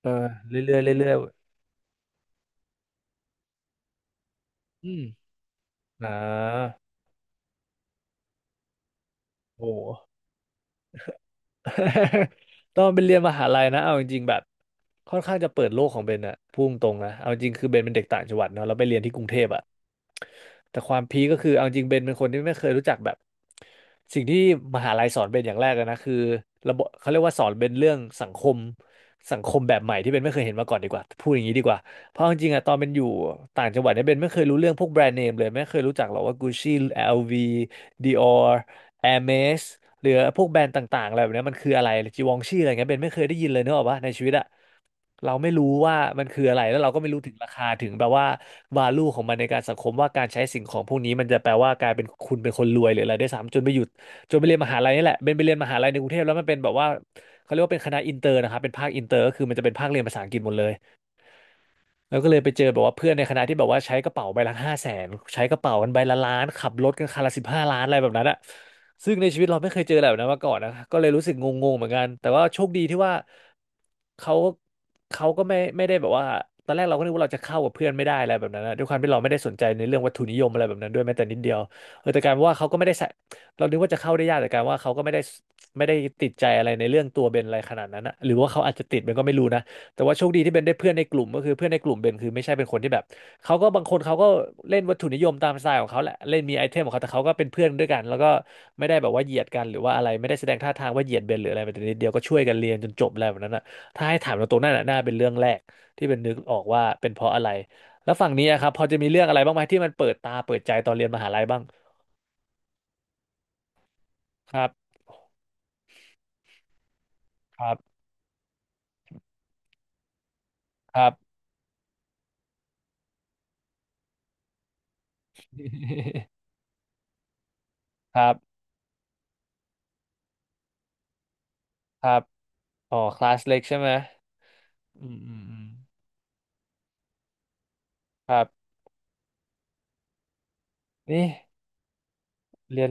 เออเรื่อยๆเรื่อยๆอืมอ่าโอ้โห ต้องเป็นเรียนมหาลัยนะ เอาจริงๆแบบ ค่อนข้างจะเปิดโลกของเบนอะพูงตรงๆนะ เอาจริงคือเบนเป็นเด็กต่างจังหวัดเนาะแล้วไปเรียนที่กรุงเทพอะ แต่ความพีคก็คือเอาจริงเบนเป็นคนที่ไม่เคยรู้จักแบบสิ่งที่มหาลัยสอนเบนอย่างแรกเลยนะคือระบบเขาเรียกว่าสอนเบนเรื่องสังคมสังคมแบบใหม่ที่เบนไม่เคยเห็นมาก่อนดีกว่าพูดอย่างนี้ดีกว่าเพราะเอาจริงๆอะตอนเป็นอยู่ต่างจังหวัดเนี่ยเบนไม่เคยรู้เรื่องพวกแบรนด์เนมเลยไม่เคยรู้จักหรอกว่า Gucci LV Dior Hermes หรือพวกแบรนด์ต่างๆอะไรแบบเนี้ยมันคืออะไรจีวองชี่อะไรเงี้ยเบนไม่เคยได้ยินเลยเนกอะวะในชีวิตอะ เราไม่รู้ว่ามันคืออะไรแล้วเราก็ไม่รู้ถึงราคาถึงแบบว่า value ของมันในการสังคมว่าการใช้สิ่งของพวกนี้มันจะแปลว่ากลายเป็นคุณเป็นคนรวยหรืออะไรได้วยซ้ำจนไปหยุดจนไปเรียนมหาลัยนี่แหละเป็นไปเรียนมหาลัยในกรุงเทพแล้วมันเป็นแบบว่าเขาเรียกว่าเป็นคณะอินเตอร์นะครับเป็นภาคอินเตอร์ก็คือมันจะเป็นภาคเรียนภาษาอังกฤษหมดเลย แล้วก็เลยไปเจอแบบว่าเพื่อนในคณะที่แบบว่าใช้กระเป๋าใบละ500,000ใช้กระเป๋ากันใบละล้านขับรถกันคันละ15,000,000อะไรแบบนั้นอะซึ่งในชีวิตเราไม่เคยเจออะไรแบบนั้นมาก่อนนะก็เลยรู้สึกงงๆเหมือนกันแต่ว่าโชคดีที่ว่าเขาเขาก็ไม่ได้แบบว่าตอนแรกเราก็นึกว่าเราจะเข้ากับเพื่อนไม่ได้อะไรแบบนั้นนะด้วยความที่เราไม่ได้สนใจในเรื่องวัตถุนิยมอะไรแบบนั้นด้วยแม้แต่นิดเดียวเออแต่กลารว่าเขาก็ไม่ได้ใส่เรานึกว่าจะเข้าได้ยากแต่กลารว่าเขาก็ไม่ได้ติดใจอะไรในเรื่องตัวเบนอะไรขนาดนั้นนะหรือว่าเขาอาจจะติดเบนก็ไม่รู้นะ แต่ว่าโชคดีที่เบนได้เพื่อนในกลุ่มก็คือเพื่อนในกลุ่มเบนคือไม่ใช่เป็นคนที่แบบเขาก็บางคนเขาก็เล่นวัตถุนิยมตามสไตล์ของเขาแหละเล่นมีไอเทมของเขาแต่เขาก็เป็นเพื่อนด้วยกันแล้วก็ไม่ได้แบบว่าเหยียดกันหรือว่าอะไรไม่ได้แสดงท่าทางว่าเหยียดเบนหรืออะไรแต่นิดเดียวก็ช่วยกันเรียนจนจบอะไรแบบนั้นอ่ะถ้าให้ถามตรงๆนั่นน่ะน่าเป็นเรื่องแรกที่เบนนึกออกว่าเป็นเพราะอะไรแล้วฝั่งนี้อะครับพอจะมีเรื่องอะไรบ้างไหมที่มันเปิดตาเปิดใจตอนเรียนมหาลัยบ้างครับครับครับ ครับครับอ๋อคลาสเล็กใช่ไหมอืมอืมอืมครับนี่ เรียน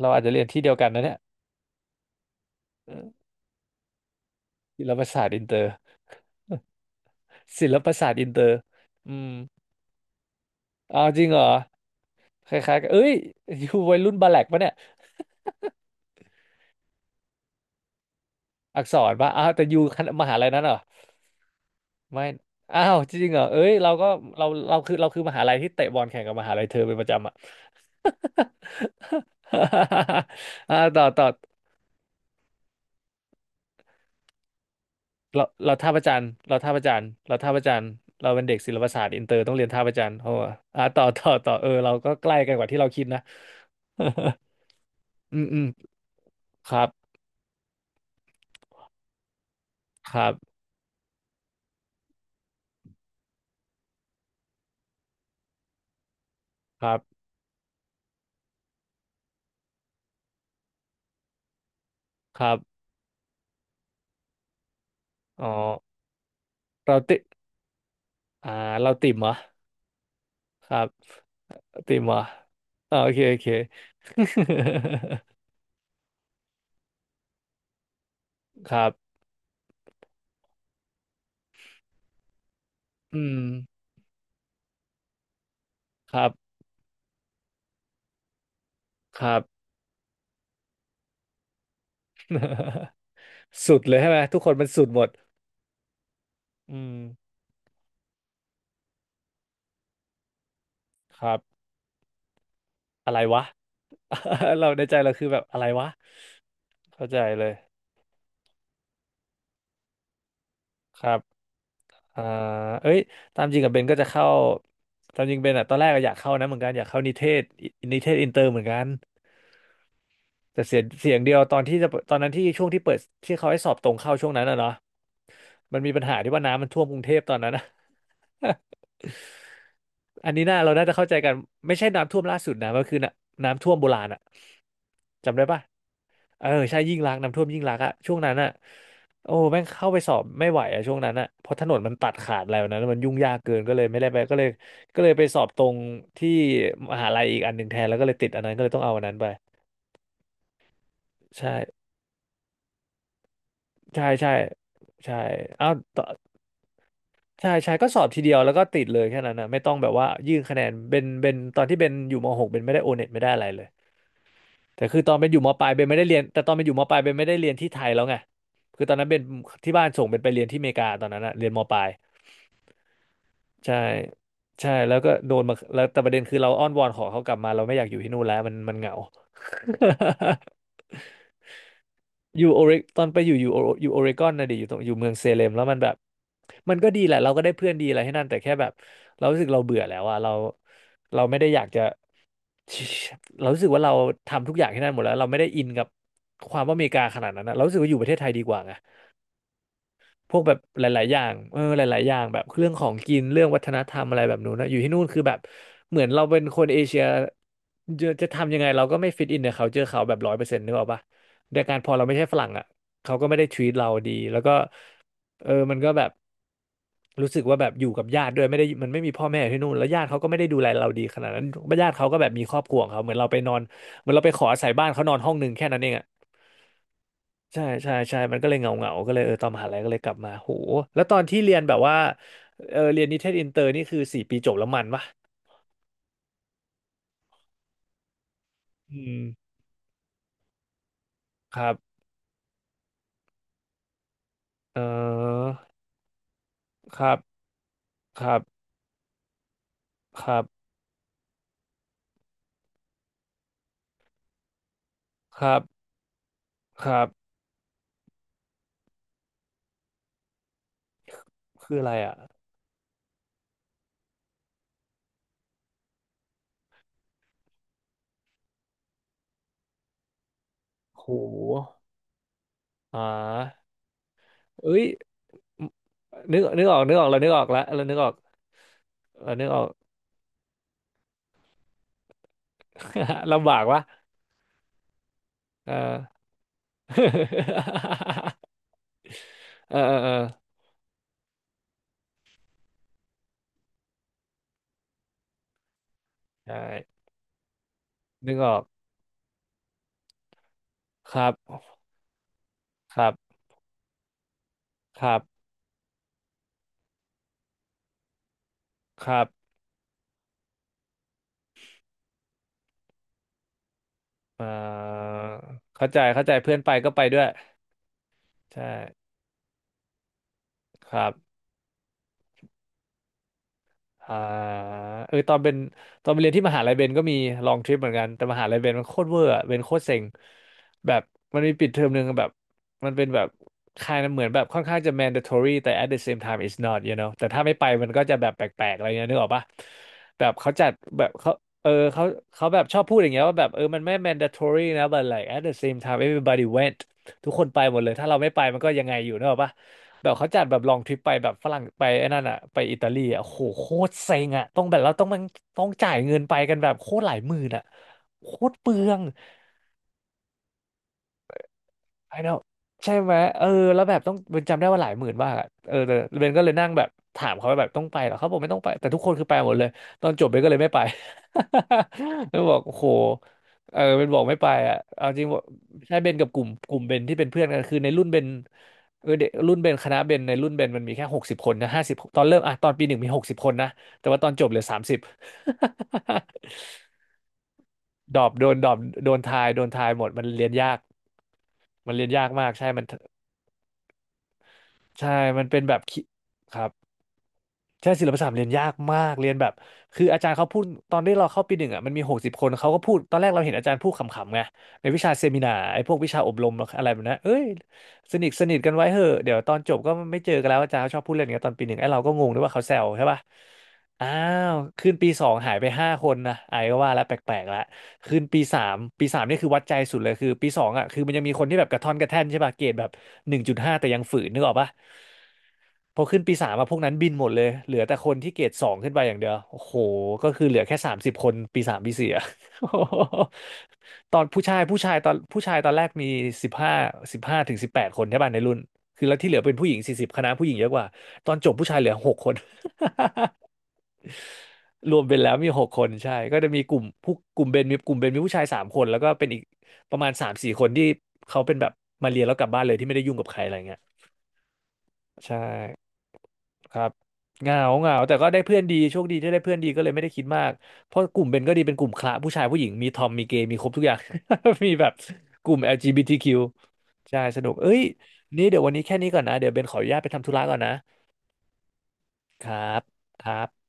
เราอาจจะเรียนที่เดียวกันนะเนี่ยเออศิลปศาสตร์อินเตอร์ ศิลปศาสตร์อินเตอร์อืมเอาจริงเหรอคล้ายๆกันเอ้ย ยูวัยรุ่นบาแลกปะเนี่ยอักษรปะอ้าวแต่ยูคณะ มหาลัยนั้นเหรอไม่อ้าวจริงเหรอเอ้ยเราก็เราคือเราคือมหาลัยที่เตะบอลแข่งกับมหาลัยเธอเป็นประจำอ่ะ อ่าต่อต่อ เราท่าพระจันทร์เราท่าพระจันทร์เราท่าพระจันทร์เราเป็นเด็กศิลปศาสตร์อินเตอร์ต้องเรียนท่าพระจันทร์เพราะว่าอ่าต่อ ต่อเออเราก็ใกล้กันกว่าที่เราคิดนะ อืมอืมครับครับครับครับอ๋อเราติอ่าเราติ่มเหรอครับติ่มเหรออ่าโอเค โอเค ครับอืมครับครับ สุดเลยใช่ไหม ทุกคนมันสุดหมดอืมครับ อะไรวะ เราในใจเราคือแบบอะไรวะเข้าใจเลยครับอ่าเอ้ยตามจริงกับเบนก็จะเข้า ตามจริงเบนอะตอนแรกอะอยากเข้านะเหมือนกันอยากเข้านิเทศอินิเทศอินเตอร์เหมือนกันแต่เสียงเดียวตอนที่จะเปิดตอนนั้นที่ช่วงที่เปิดที่เขาให้สอบตรงเข้าช่วงนั้นอะเนาะมันมีปัญหาที่ว่าน้ำมันท่วมกรุงเทพตอนนั้นอะ อันนี้น่าเราน่าจะเข้าใจกันไม่ใช่น้ำท่วมล่าสุดนะมันคือน้ำท่วมโบราณอะจำได้ปะ เออใช่ยิ่งรักษณ์น้ำท่วมยิ่งรักษณ์อะช่วงนั้นอะโอ้แม่งเข้าไปสอบไม่ไหวอะช่วงนั้นอะเพราะถนนมันตัดขาดอะไรแบบนั้นมันยุ่งยากเกินก็เลยไม่ได้ไปก็เลยก็เลยไปสอบตรงที่มหาลัยอีกอันหนึ่งแทนแล้วก็เลยติดอันนั้นก็เลยต้องเอาอันนั้นไปใช่ใช่ใช่ใช่เอาต่อใช่ใช่ก็สอบทีเดียวแล้วก็ติดเลยแค่นั้นนะไม่ต้องแบบว่ายื่นคะแนนเบนตอนที่เบนอยู่มหกเบนไม่ได้โอเน็ตไม่ได้อะไรเลย แต่คือตอนเป็นอยู่มปลายเบนไม่ได้เรียนแต่ตอนเป็นอยู่มปลายเบนไม่ได้เรียนที่ไทยแล้วไงคือตอนนั้นเป็นที่บ้านส่งเป็นไปเรียนที่อเมริกาตอนนั้นอะเรียนมปลายใช่ใช่แล้วก็โดนมาแล้วแต่ประเด็นคือเราอ้อนวอนขอเขากลับมาเราไม่อยากอยู่ที่นู่นแล้วมันเหงา อยู่โอเรตอนไปอยู่อยู่โอเรกอนนะดิอยู่ตรงอยู่เมืองเซเลมแล้วมันแบบมันก็ดีแหละเราก็ได้เพื่อนดีอะไรให้นั่นแต่แค่แบบเรารู้สึกเราเบื่อแล้วอะเราไม่ได้อยากจะ เรารู้สึกว่าเราทำทุกอย่างที่นั่นหมดแล้วเราไม่ได้อินกับความว่าอเมริกาขนาดนั้นนะเรารู้สึกว่าอยู่ประเทศไทยดีกว่าไงพวกแบบหลายๆอย่างเออหลายๆอย่างแบบเรื่องของกินเรื่องวัฒนธรรมอะไรแบบนู้นนะอยู่ที่นู่นคือแบบเหมือนเราเป็นคนเอเชียจะทำยังไงเราก็ไม่ฟิตอินในเขาเจอเขาแบบร้อยเปอร์เซ็นต์นึกออกปะในการพอเราไม่ใช่ฝรั่งอ่ะเขาก็ไม่ได้ทวีตเราดีแล้วก็เออมันก็แบบ รู้สึกว่าแบบอยู่กับญาติด้วยไม่ได้มันไม่มีพ่อแม่อยู่ที่นู่นแล้วญาติเขาก็ไม่ได้ดูแลเราดีขนาดนั้นญาติเขาก็แบบมีครอบครัวของเขาเหมือนเราไปนอนเหมือนเราไปขออาศัยบ้านเขานอนห้องหนึ่งแค่นั้นเองอะใช่ใช่ใช่มันก็เลยเงาก็เลยเออตอนมหาลัยก็เลยกลับมาโหแล้วตอนที่เรียนแบบว่าเออเรียนนิเทศอินเตอร์นี่คือสี่ปีจบแล้วมันปะอืมครับเออครับครับครับครับครับคืออะไรอ่ะโหอ่าเอ้ยนึกออกนึกออกเรานึกออกแล้วเรานึกออกเรานึกออก ลำบากวะเออ เออเออเออใช่นึกออก ครับ ครับ ครับ ครับเออเข้าใจ เข้าใจ เพื่อนไปก็ไปด้วยใช่ครับ อ่าเออตอนเป็นตอนไปเรียนที่มหาลัยเบนก็มีลองทริปเหมือนกันแต่มหาลัยเบนมันโคตรเวอร์อะเบนโคตรเซ็งแบบมันมีปิดเทอมหนึ่งแบบมันเป็นแบบคายเหมือนแบบค่อนข้างจะ mandatory แต่ at the same time it's not you know แต่ถ้าไม่ไปมันก็จะแบบแปลกๆอะไรเงี้ยนึกออกปะแบบเขาจัดแบบเขาเออเขาเขาแบบชอบพูดอย่างเงี้ยว่าแบบเออมันไม่ mandatory นะ but like at the same time everybody went ทุกคนไปหมดเลยถ้าเราไม่ไปมันก็ยังไงอยู่นึกออกปะ แบบเขาจัดแบบลองทริปไปแบบฝรั่งไปไอ้นั่นอ่ะไปอิตาลีอ่ะโหโคตรเซ็งอ่ะต้องแบบเราต้องมันต้องจ่ายเงินไปกันแบบโคตรหลายหมื่นอ่ะโคตรเปลือง ไอ้เนาะใช่ไหมเออแล้วแบบต้องเบนจำได้ว่าหลายหมื่นมากอะเออแต่เบนก็เลยนั่งแบบถามเขาว่าแบบต้องไปเหรอเขาบอกไม่ต้องไปแต่ทุกคนคือไปหมดเลยตอนจบเบนก็เลยไม่ไป แล้วบอกโอ้โหเออเบนบอกไม่ไปอ่ะเอาจริงบอกใช่เบนกับกลุ่มเบนที่เป็นเพื่อนกันคือในรุ่นเบนเออเด็กรุ่นเบนคณะเบนในรุ่นเบนมันมีแค่หกสิบคนนะห้าสิบตอนเริ่มอ่ะตอนปีหนึ่งมีหกสิบคนนะแต่ว่าตอนจบเหลือสามสิบ ดรอปโดนดรอปโดนทายโดนทายหมดมันเรียนยากมันเรียนยากมากใช่มัน ใช่ มันเป็นแบบคิครับใช่ศิลปศาสตร์เรียนยากมากเรียนแบบคืออาจารย์เขาพูดตอนที่เราเข้าปีหนึ่งอ่ะมันมีหกสิบคน เขาก็พูดตอนแรกเราเห็นอาจารย์พูดขำๆไงในวิชาเซมินาร์ไอ้พวกวิชาอบรมอะไรแบบนั้นเอ้ยสนิทสนิทกันไว้เหอะเดี๋ยวตอนจบก็ไม่เจอกันแล้วอาจารย์เขาชอบพูดเล่นอย่างเงี้ยตอนปีหนึ่งไอ้เราก็งงด้วยว่าเขาแซวใช่ป่ะอ้าวขึ้นปีสองหายไปห้าคนนะไอ้ก็ว่าแล้วแปลกๆละ คืนปีสามปีสามนี่คือวัดใจสุดเลยคือปีสองอ่ะคือมันยังมีคนที่แบบกระท่อนกระแท่นใช่ป่ะเกรดแบบหนึ่งจุดห้าแต่ยังฝืนนึกออกป่ะพอขึ้นปีสามอะพวกนั้นบินหมดเลยเหลือแต่คนที่เกรดสองขึ้นไปอย่างเดียวโอ้โหก็คือเหลือแค่สามสิบคนปีสามปีสี่อะ ตอนผู้ชายตอนแรกมีสิบห้าสิบห้าถึงสิบแปดคนใช่ป่ะในรุ่นคือแล้วที่เหลือเป็นผู้หญิงสี่สิบคณะผู้หญิงเยอะกว่าตอนจบผู้ชายเหลือหกคน รวมเป็นแล้วมีหกคนใช่ก็จะมีกลุ่มผู้กลุ่มเบนมีผู้ชายสามคนแล้วก็เป็นอีกประมาณสามสี่คนที่เขาเป็นแบบมาเรียนแล้วกลับบ้านเลยที่ไม่ได้ยุ่งกับใครอะไรเงี้ยใช่ครับเหงาเหงาแต่ก็ได้เพื่อนดีโชคดีที่ได้เพื่อนดีก็เลยไม่ได้คิดมากเพราะกลุ่มเบนก็ดีเป็นกลุ่มคละผู้ชายผู้หญิงมีทอมมีเกย์มีครบทุกอย่าง มีแบบกลุ่ม LGBTQ ใช่สนุกเอ้ยนี่เดี๋ยววันนี้แค่นี้ก่อนนะเดี๋ยวเบนขออนุญาตไปทำธุระก่อนนะครับครับ